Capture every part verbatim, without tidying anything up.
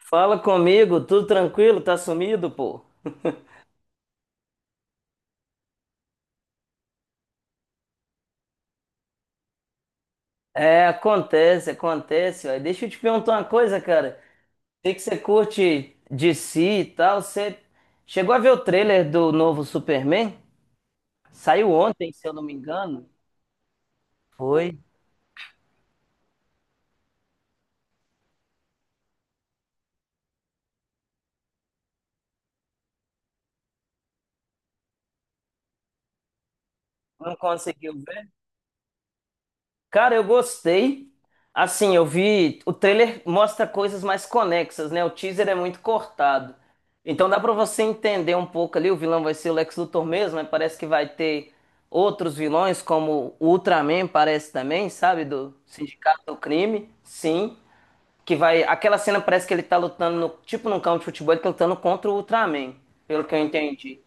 Fala comigo, tudo tranquilo? Tá sumido, pô? É, acontece, acontece. Ó. Deixa eu te perguntar uma coisa, cara. Sei que você curte D C e tal. Você chegou a ver o trailer do novo Superman? Saiu ontem, se eu não me engano. Foi. Não conseguiu ver? Cara, eu gostei. Assim, eu vi. O trailer mostra coisas mais conexas, né? O teaser é muito cortado. Então dá pra você entender um pouco ali. O vilão vai ser o Lex Luthor mesmo, mas parece que vai ter outros vilões, como o Ultraman, parece também, sabe? Do Sindicato do Crime. Sim. Que vai. Aquela cena parece que ele tá lutando, no... tipo num campo de futebol, ele tá lutando contra o Ultraman, pelo que eu entendi.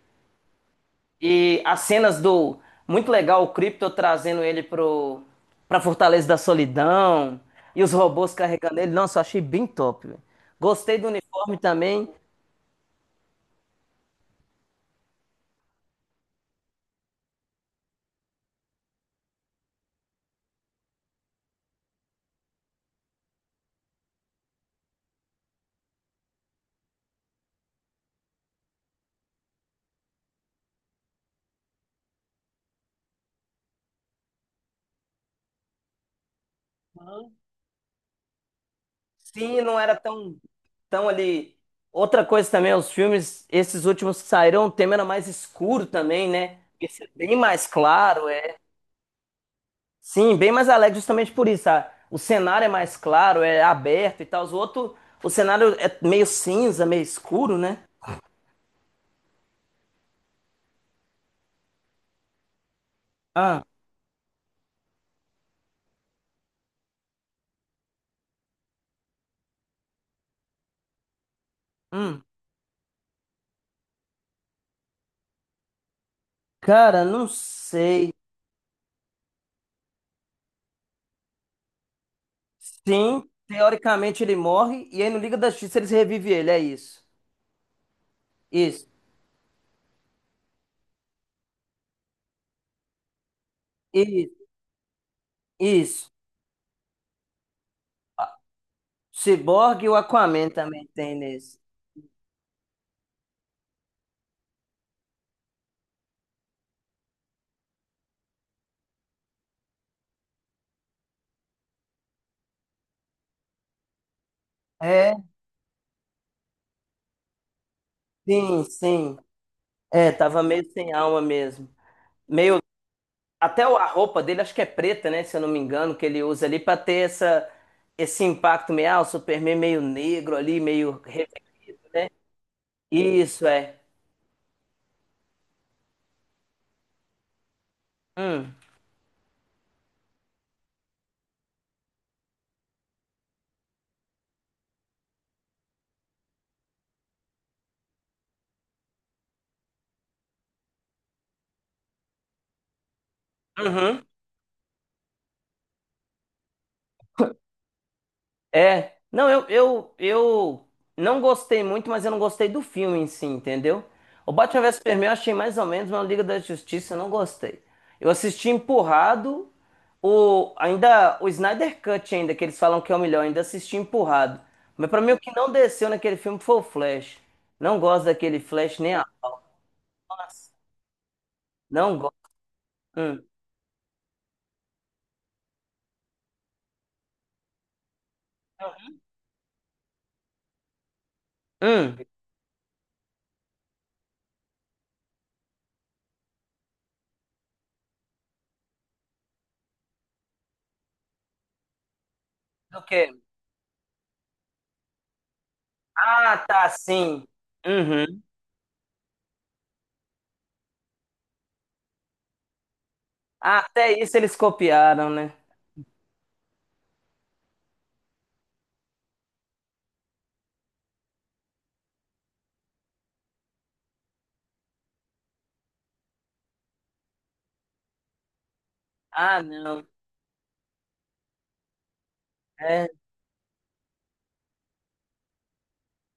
E as cenas do. Muito legal o Krypto trazendo ele pro, pra Fortaleza da Solidão. E os robôs carregando ele. Nossa, eu achei bem top, velho. Gostei do uniforme também. Sim, não era tão, tão ali. Outra coisa também, os filmes, esses últimos que saíram, o tema era mais escuro também, né? Esse é bem mais claro, é. Sim, bem mais alegre, justamente por isso. ah, O cenário é mais claro, é aberto e tal. Os outros, o cenário é meio cinza, meio escuro, né? Ah, hum. Cara, não sei. Sim, teoricamente ele morre e aí no Liga da Justiça eles revivem ele, é isso. Isso, isso, isso. Cyborg e o Aquaman também tem nesse. É, sim, sim. É, tava meio sem alma mesmo. Meio, até o- a roupa dele acho que é preta, né, se eu não me engano, que ele usa ali pra ter essa esse impacto meio, ah, o Superman meio negro ali, meio, re- né? Isso é. Hum. Uhum. É, não, eu, eu, eu não gostei muito, mas eu não gostei do filme em si, entendeu? O Batman vs Superman eu achei mais ou menos, mas o Liga da Justiça eu não gostei. Eu assisti empurrado, o, ainda o Snyder Cut ainda, que eles falam que é o melhor, ainda assisti empurrado. Mas pra mim o que não desceu naquele filme foi o Flash. Não gosto daquele Flash nem a pau. Nossa, não gosto. Hum. Hum. Do quê? Ah, tá, sim. Uhum. Ah, até isso eles copiaram, né? Ah, não. É.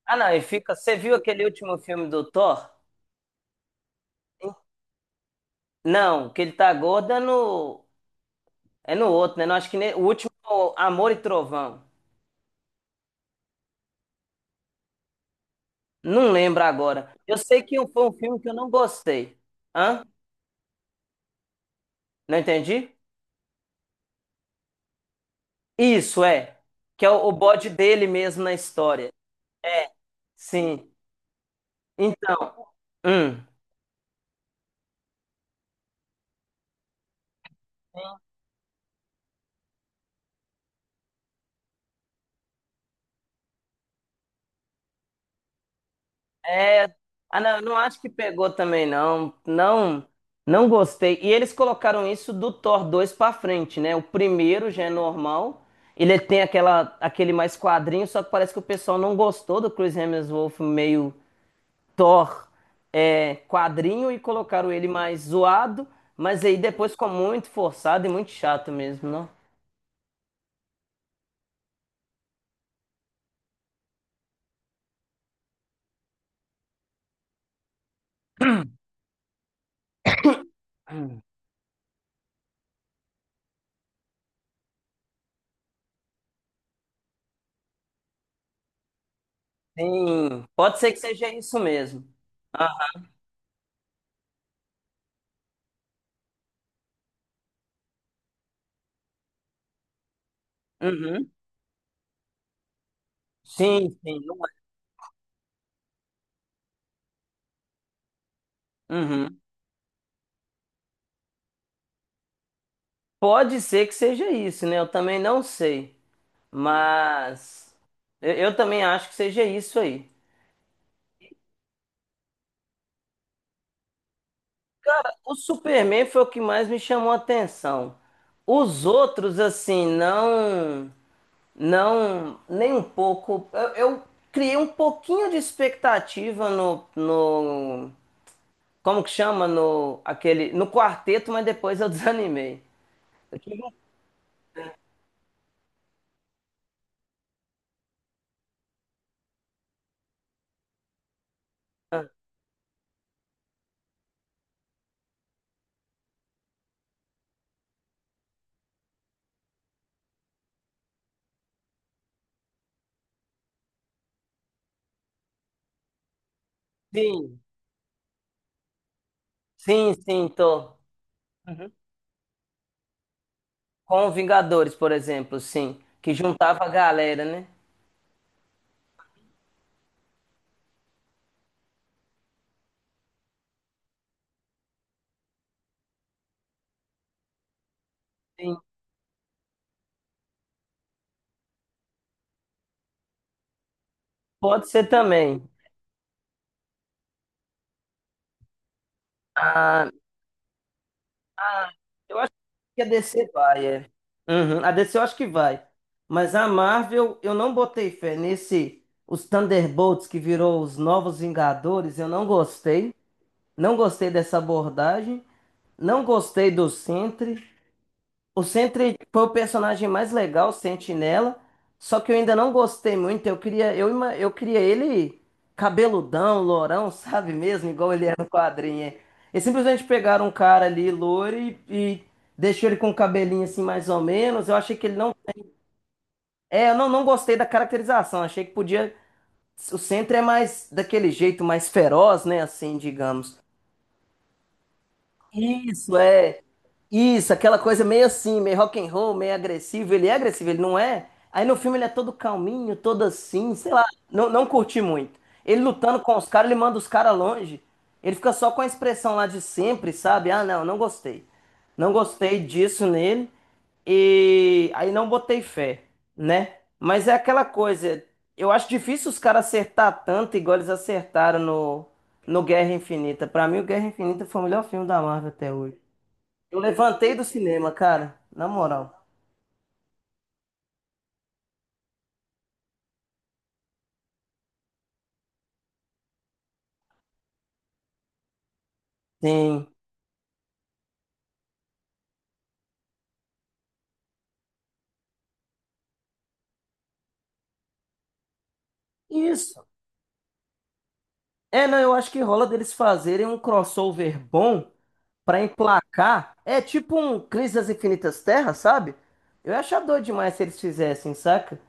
Ah, não, e fica. Você viu aquele último filme do Thor? Não, que ele tá gordo é no. É no outro, né? Não, acho que ne- o último é o Amor e Trovão. Não lembro agora. Eu sei que um, foi um filme que eu não gostei. Hã? Não entendi? Isso, é. Que é o, o bode dele mesmo na história. É, sim. Então. Hum. É, ah, não, eu não acho que pegou também, não. Não, não gostei. E eles colocaram isso do Thor dois pra frente, né? O primeiro já é normal. Ele tem aquela, aquele mais quadrinho, só que parece que o pessoal não gostou do Chris Hemsworth meio Thor é, quadrinho e colocaram ele mais zoado, mas aí depois ficou muito forçado e muito chato mesmo, não? Sim, pode ser que seja isso mesmo. Ah, uhum. Sim, sim, não é. Pode ser que seja isso, né? Eu também não sei. Mas eu, eu também acho que seja isso aí. O Superman foi o que mais me chamou a atenção. Os outros, assim, não. Não. Nem um pouco. Eu, eu criei um pouquinho de expectativa no, no. Como que chama? No, aquele, no quarteto, mas depois eu desanimei. Sim, sim, sim, tô. Com Vingadores, por exemplo, sim. Que juntava a galera, né? Sim, pode ser também. Ah, ah, eu acho que a D C vai, é. Uhum, a D C eu acho que vai. Mas a Marvel, eu não botei fé nesse. Os Thunderbolts, que virou os Novos Vingadores, eu não gostei. Não gostei dessa abordagem. Não gostei do Sentry. O Sentry foi o personagem mais legal, o Sentinela. Só que eu ainda não gostei muito. Eu queria, eu, ima- eu queria ele cabeludão, lourão, sabe mesmo? Igual ele é no quadrinho. É. Eles simplesmente pegaram um cara ali, louro, e, e deixou ele com o cabelinho assim, mais ou menos. Eu achei que ele não. É, eu não, não gostei da caracterização. Achei que podia. O Sentry é mais daquele jeito, mais feroz, né? Assim, digamos. Isso, é. Isso, aquela coisa meio assim, meio rock and roll, meio agressivo. Ele é agressivo, ele não é? Aí no filme ele é todo calminho, todo assim, sei lá, não, não curti muito. Ele lutando com os caras, ele manda os caras longe. Ele fica só com a expressão lá de sempre, sabe? Ah, não, não gostei. Não gostei disso nele. E aí não botei fé, né? Mas é aquela coisa, eu acho difícil os caras acertar tanto igual eles acertaram no, no Guerra Infinita. Pra mim, o Guerra Infinita foi o melhor filme da Marvel até hoje. Eu levantei do cinema, cara. Na moral. Tem. Isso. É, não, eu acho que rola deles fazerem um crossover bom pra emplacar. É tipo um Crise das Infinitas Terras, sabe? Eu ia achar doido demais se eles fizessem, saca?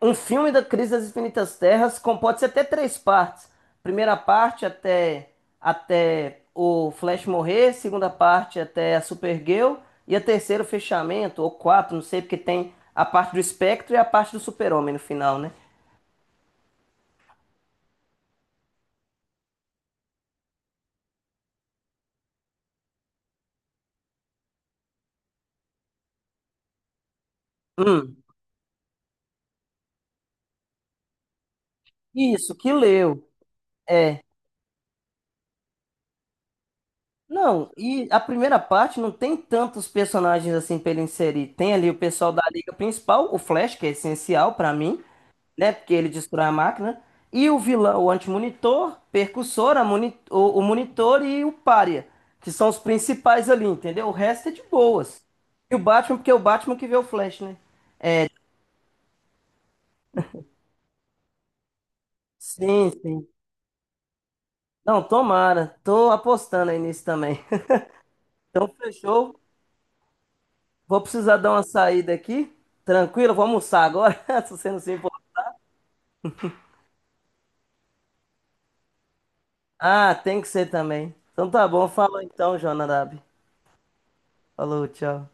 Um filme da Crise das Infinitas Terras com- pode ser até três partes. Primeira parte até até o Flash morrer, segunda parte até a Supergirl e a terceira o fechamento ou quatro, não sei, porque tem a parte do Espectro e a parte do Super-Homem no final, né? Hum, isso, que leu. Não, e a primeira parte não tem tantos personagens assim pra ele inserir. Tem ali o pessoal da Liga Principal, o Flash, que é essencial pra mim, né? Porque ele destrói a máquina. E o vilão, o antimonitor, percussor, a moni- o, o monitor e o pária, que são os principais ali, entendeu? O resto é de boas. E o Batman, porque é o Batman que vê o Flash, né? Sim, sim. Não, tomara. Tô apostando aí nisso também. Então, fechou. Vou precisar dar uma saída aqui. Tranquilo, vou almoçar agora, se você não se importa. Ah, tem que ser também. Então tá bom, fala então, Jonadab. Falou, tchau.